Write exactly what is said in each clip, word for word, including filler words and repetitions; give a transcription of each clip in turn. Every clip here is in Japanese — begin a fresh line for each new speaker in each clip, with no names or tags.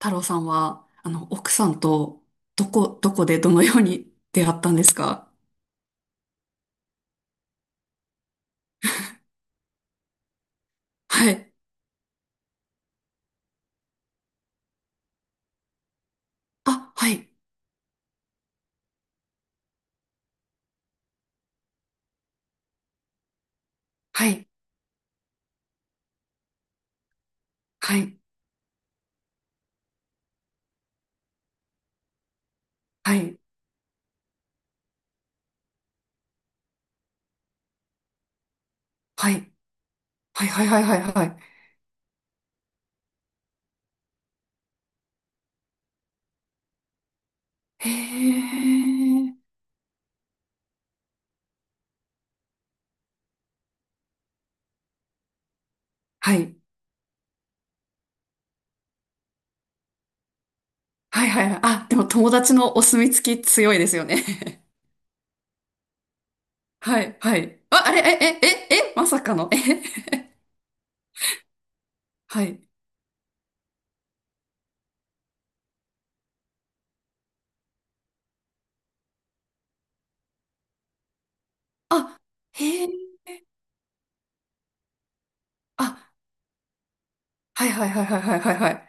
太郎さんは、あの、奥さんと、どこ、どこでどのように出会ったんですか？はい。あ、はい。はい。はい。はい。はい。はい。はい。はい。はい。はい。へー。はい。はい。はい。はい。あ、でも友達のお墨付き強いですよね。はい。はい。あ、あれ、え、え、え、え、まさかの、え、はい。あ、へー。あ、はい。はい。はい。はい。はい。はい。はい。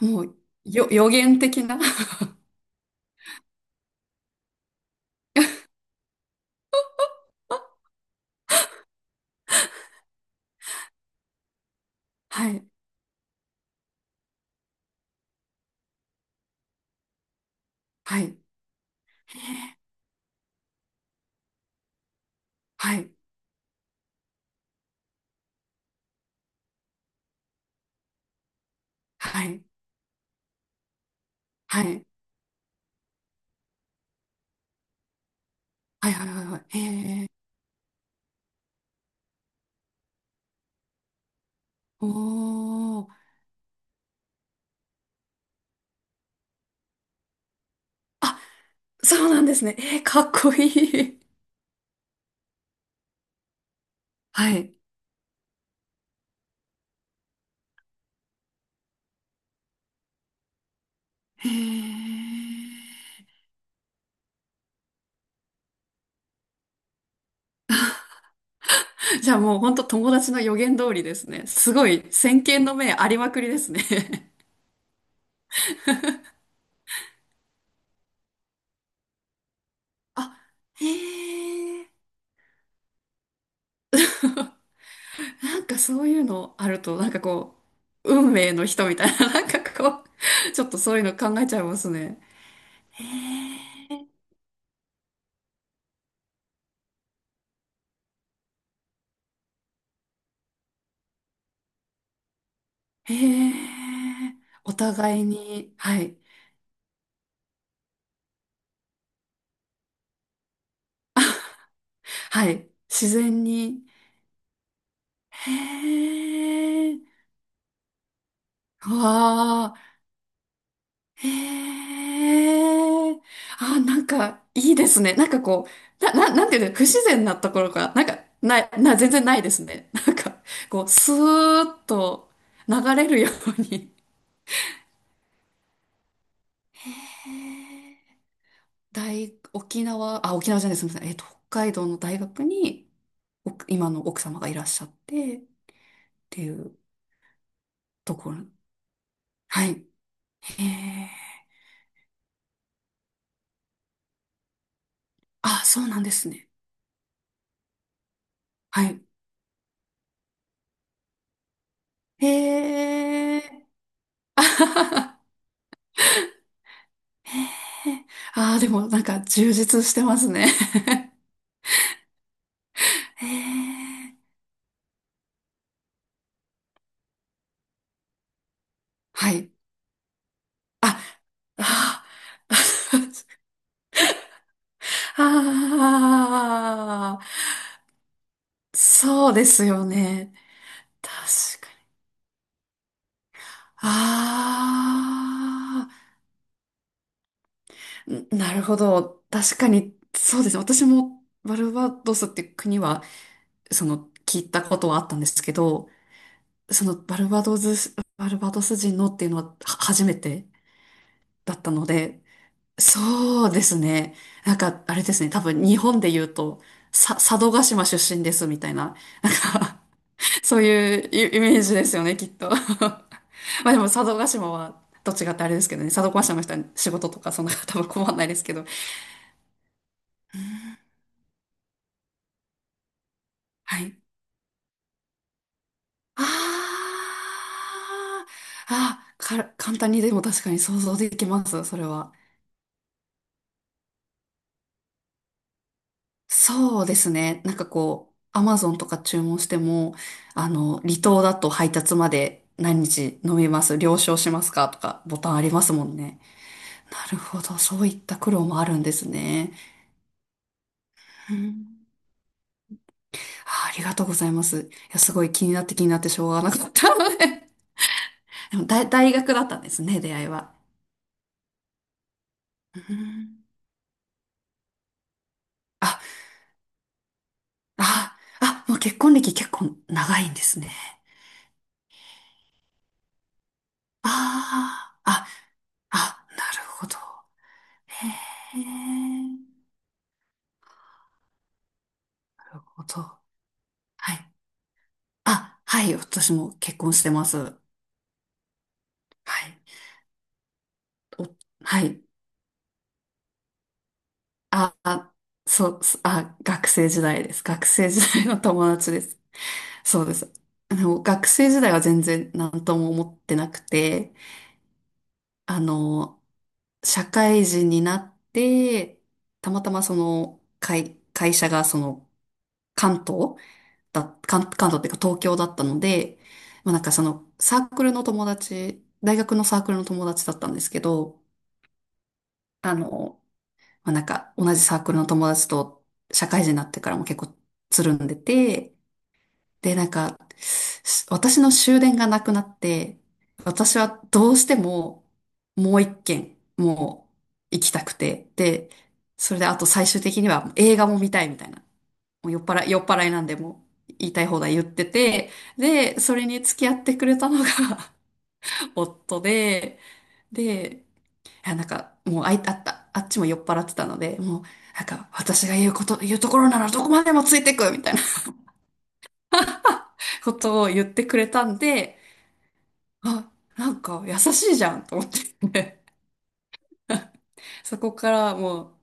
もう、よ、予言的な。はい。はい。へー。はい。はい。はい。はい。はい。はい。はい。へえ。おー。あ、そうなんですね。えー、かっこいい。はい。へえ。じゃあもう本当友達の予言通りですね。すごい、先見の明ありまくりですね。あ、へえ。なんかそういうのあると、なんかこう、運命の人みたいな、なんかこう、ちょっとそういうの考えちゃいますね。へえ。へえ。お互いに、はい。はい。自然に。へえ。わあ。へえ。あ、なんか、いいですね。なんかこう、な、な、なんていうの、不自然なところが、なんか、ない、な、全然ないですね。なんか、こう、スーッと流れるように。へえ。大、沖縄、あ、沖縄じゃない、すみません。えっと、北海道の大学に、奥今の奥様がいらっしゃって、っていうところ。はい。へえ。あ、そうなんですね。はい。へえ。あはは。はへえ。あー、でもなんか充実してますね。へえ。はい。あ、あー、あー、そうですよね。確かに。ああ、んなるほど。確かに、そうですね。私もバルバドスっていう国は、その、聞いたことはあったんですけど、そのバルバドス、バルバドス人のっていうのはは初めてだったので、そうですね。なんか、あれですね。多分日本で言うと、さ、佐渡島出身ですみたいな、そういうイイメージですよね、きっと。まあでも佐渡島は、と違ってあれですけどね。佐渡島の人は仕事とかそんな多分困んないですけど。はい。あー。あ、か、簡単にでも確かに想像できます、それは。そうですね。なんかこう、アマゾンとか注文しても、あの、離島だと配達まで何日飲みます、了承しますかとか、ボタンありますもんね。なるほど。そういった苦労もあるんですね。うん。あありがとうございます。いや、すごい気になって気になってしょうがなかったので。でも大、大学だったんですね、出会いは。うん。あ、あ、あ、もう結婚歴結構長いんですね。ああ、あ、あ、なるほど。へえ。そう。はい。あ、はい。私も結婚してます。はい。お、はい。あ、あ、そう、すあ、学生時代です。学生時代の友達です。そうです。あの、学生時代は全然何とも思ってなくて、あの、社会人になって、たまたまその、会、会社がその、関東だ、関、関東っていうか東京だったので、まあなんかそのサークルの友達、大学のサークルの友達だったんですけど、あの、まあなんか同じサークルの友達と社会人になってからも結構つるんでて、でなんか、し私の終電がなくなって、私はどうしてももう一軒、もう行きたくて、で、それであと最終的には映画も見たいみたいな、もう酔っ払い、酔っ払いなんでもう言いたい放題言ってて、で、それに付き合ってくれたのが 夫で、で、いや、なんか、もうあい、あった、あっちも酔っ払ってたので、もう、なんか、私が言うこと、言うところならどこまでもついてくみたいな ことを言ってくれたんで、あ、なんか優しいじゃんと思って、 そこからもう、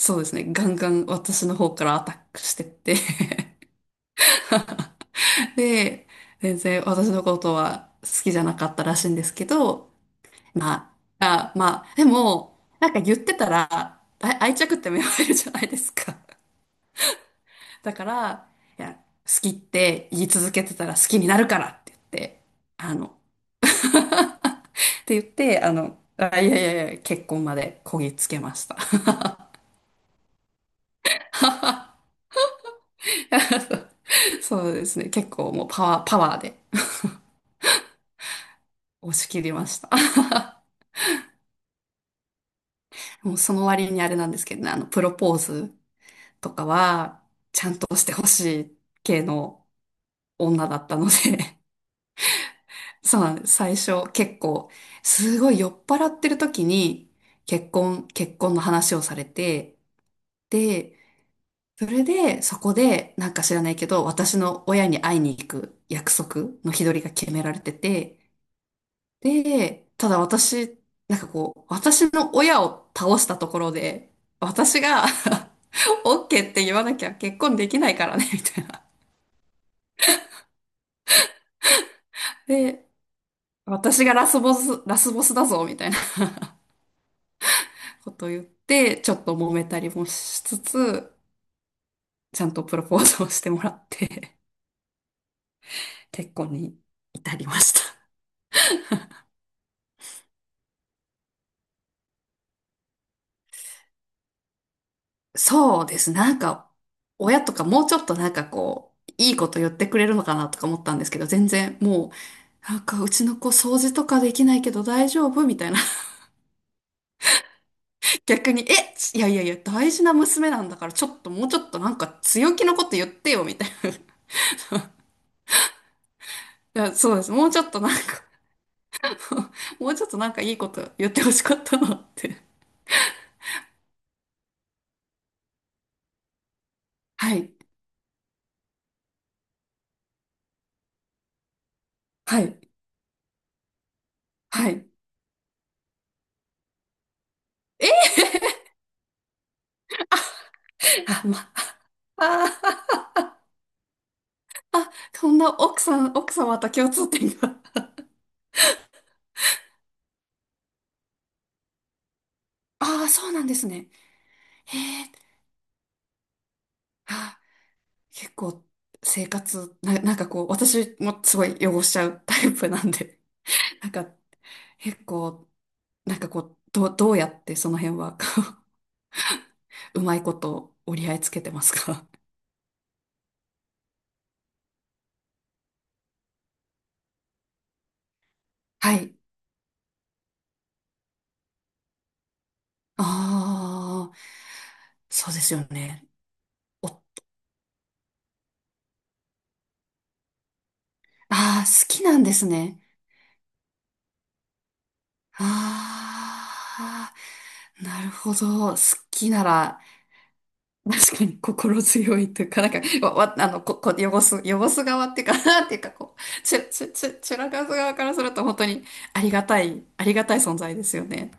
そうですね、ガンガン私の方からアタックしてって、 で、全然私のことは好きじゃなかったらしいんですけど、まあ、あ、まあ、でも、なんか言ってたら、あ愛着って芽生えるじゃないですか。だから、いや、好きって言い続けてたら好きになるからって言って、あの、って言って、あの、あ、いやいやいや、結婚までこぎつけました。そうですね、結構もうパワー、パワーで押し切りました。もうその割にあれなんですけどね、あの、プロポーズとかは、ちゃんとしてほしい系の女だったので。そうなんです。最初結構、すごい酔っ払ってる時に結婚、結婚の話をされて、で、それでそこでなんか知らないけど、私の親に会いに行く約束の日取りが決められてて、で、ただ私、なんかこう、私の親を倒したところで、私が オッケーって言わなきゃ結婚できないからね、みたいな。で、私がラスボス、ラスボスだぞ、みたいなこと言って、ちょっと揉めたりもしつつ、ちゃんとプロポーズをしてもらって、結婚に至りました。そうです。なんか、親とかもうちょっとなんかこう、いいこと言ってくれるのかなとか思ったんですけど、全然もう、なんかうちの子掃除とかできないけど大丈夫みたいな。逆に、え、いやいやいや、大事な娘なんだからちょっともうちょっとなんか強気のこと言ってよみたいな。いや、そうです。もうちょっとなんか もうちょっとなんかいいこと言ってほしかったなって。はい、はい、はい。あ、ま、あー、あ、そんな奥さん、奥様と共通点が。ああ、そうなんですね。へえ、あー、結構、生活、な、なんかこう、私もすごい汚しちゃうタイプなんで、なんか、結構、なんかこう、どう、どうやってその辺は、こう、うまいこと折り合いつけてますか？ はい。ああ、そうですよね。お、ああ、好きなんですね。ああ、なるほど。好きなら、確かに心強いというか、なんか、わ、わあの、こ、こ、汚す、汚す側っていうか、なんていうか、こう、ちゅ、ちゅ、ちゅ、ちゅらかす側からすると本当にありがたい、ありがたい存在ですよね。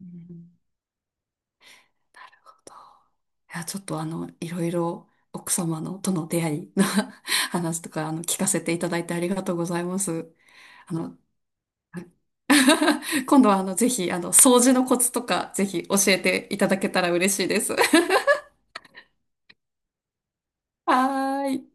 うん。なるほど。いや、ちょっとあの、いろいろ奥様のとの出会いの 話とか、あの、聞かせていただいてありがとうございます。あの、今度はあの、ぜひ、あの、掃除のコツとか、ぜひ教えていただけたら嬉しいです。はーい。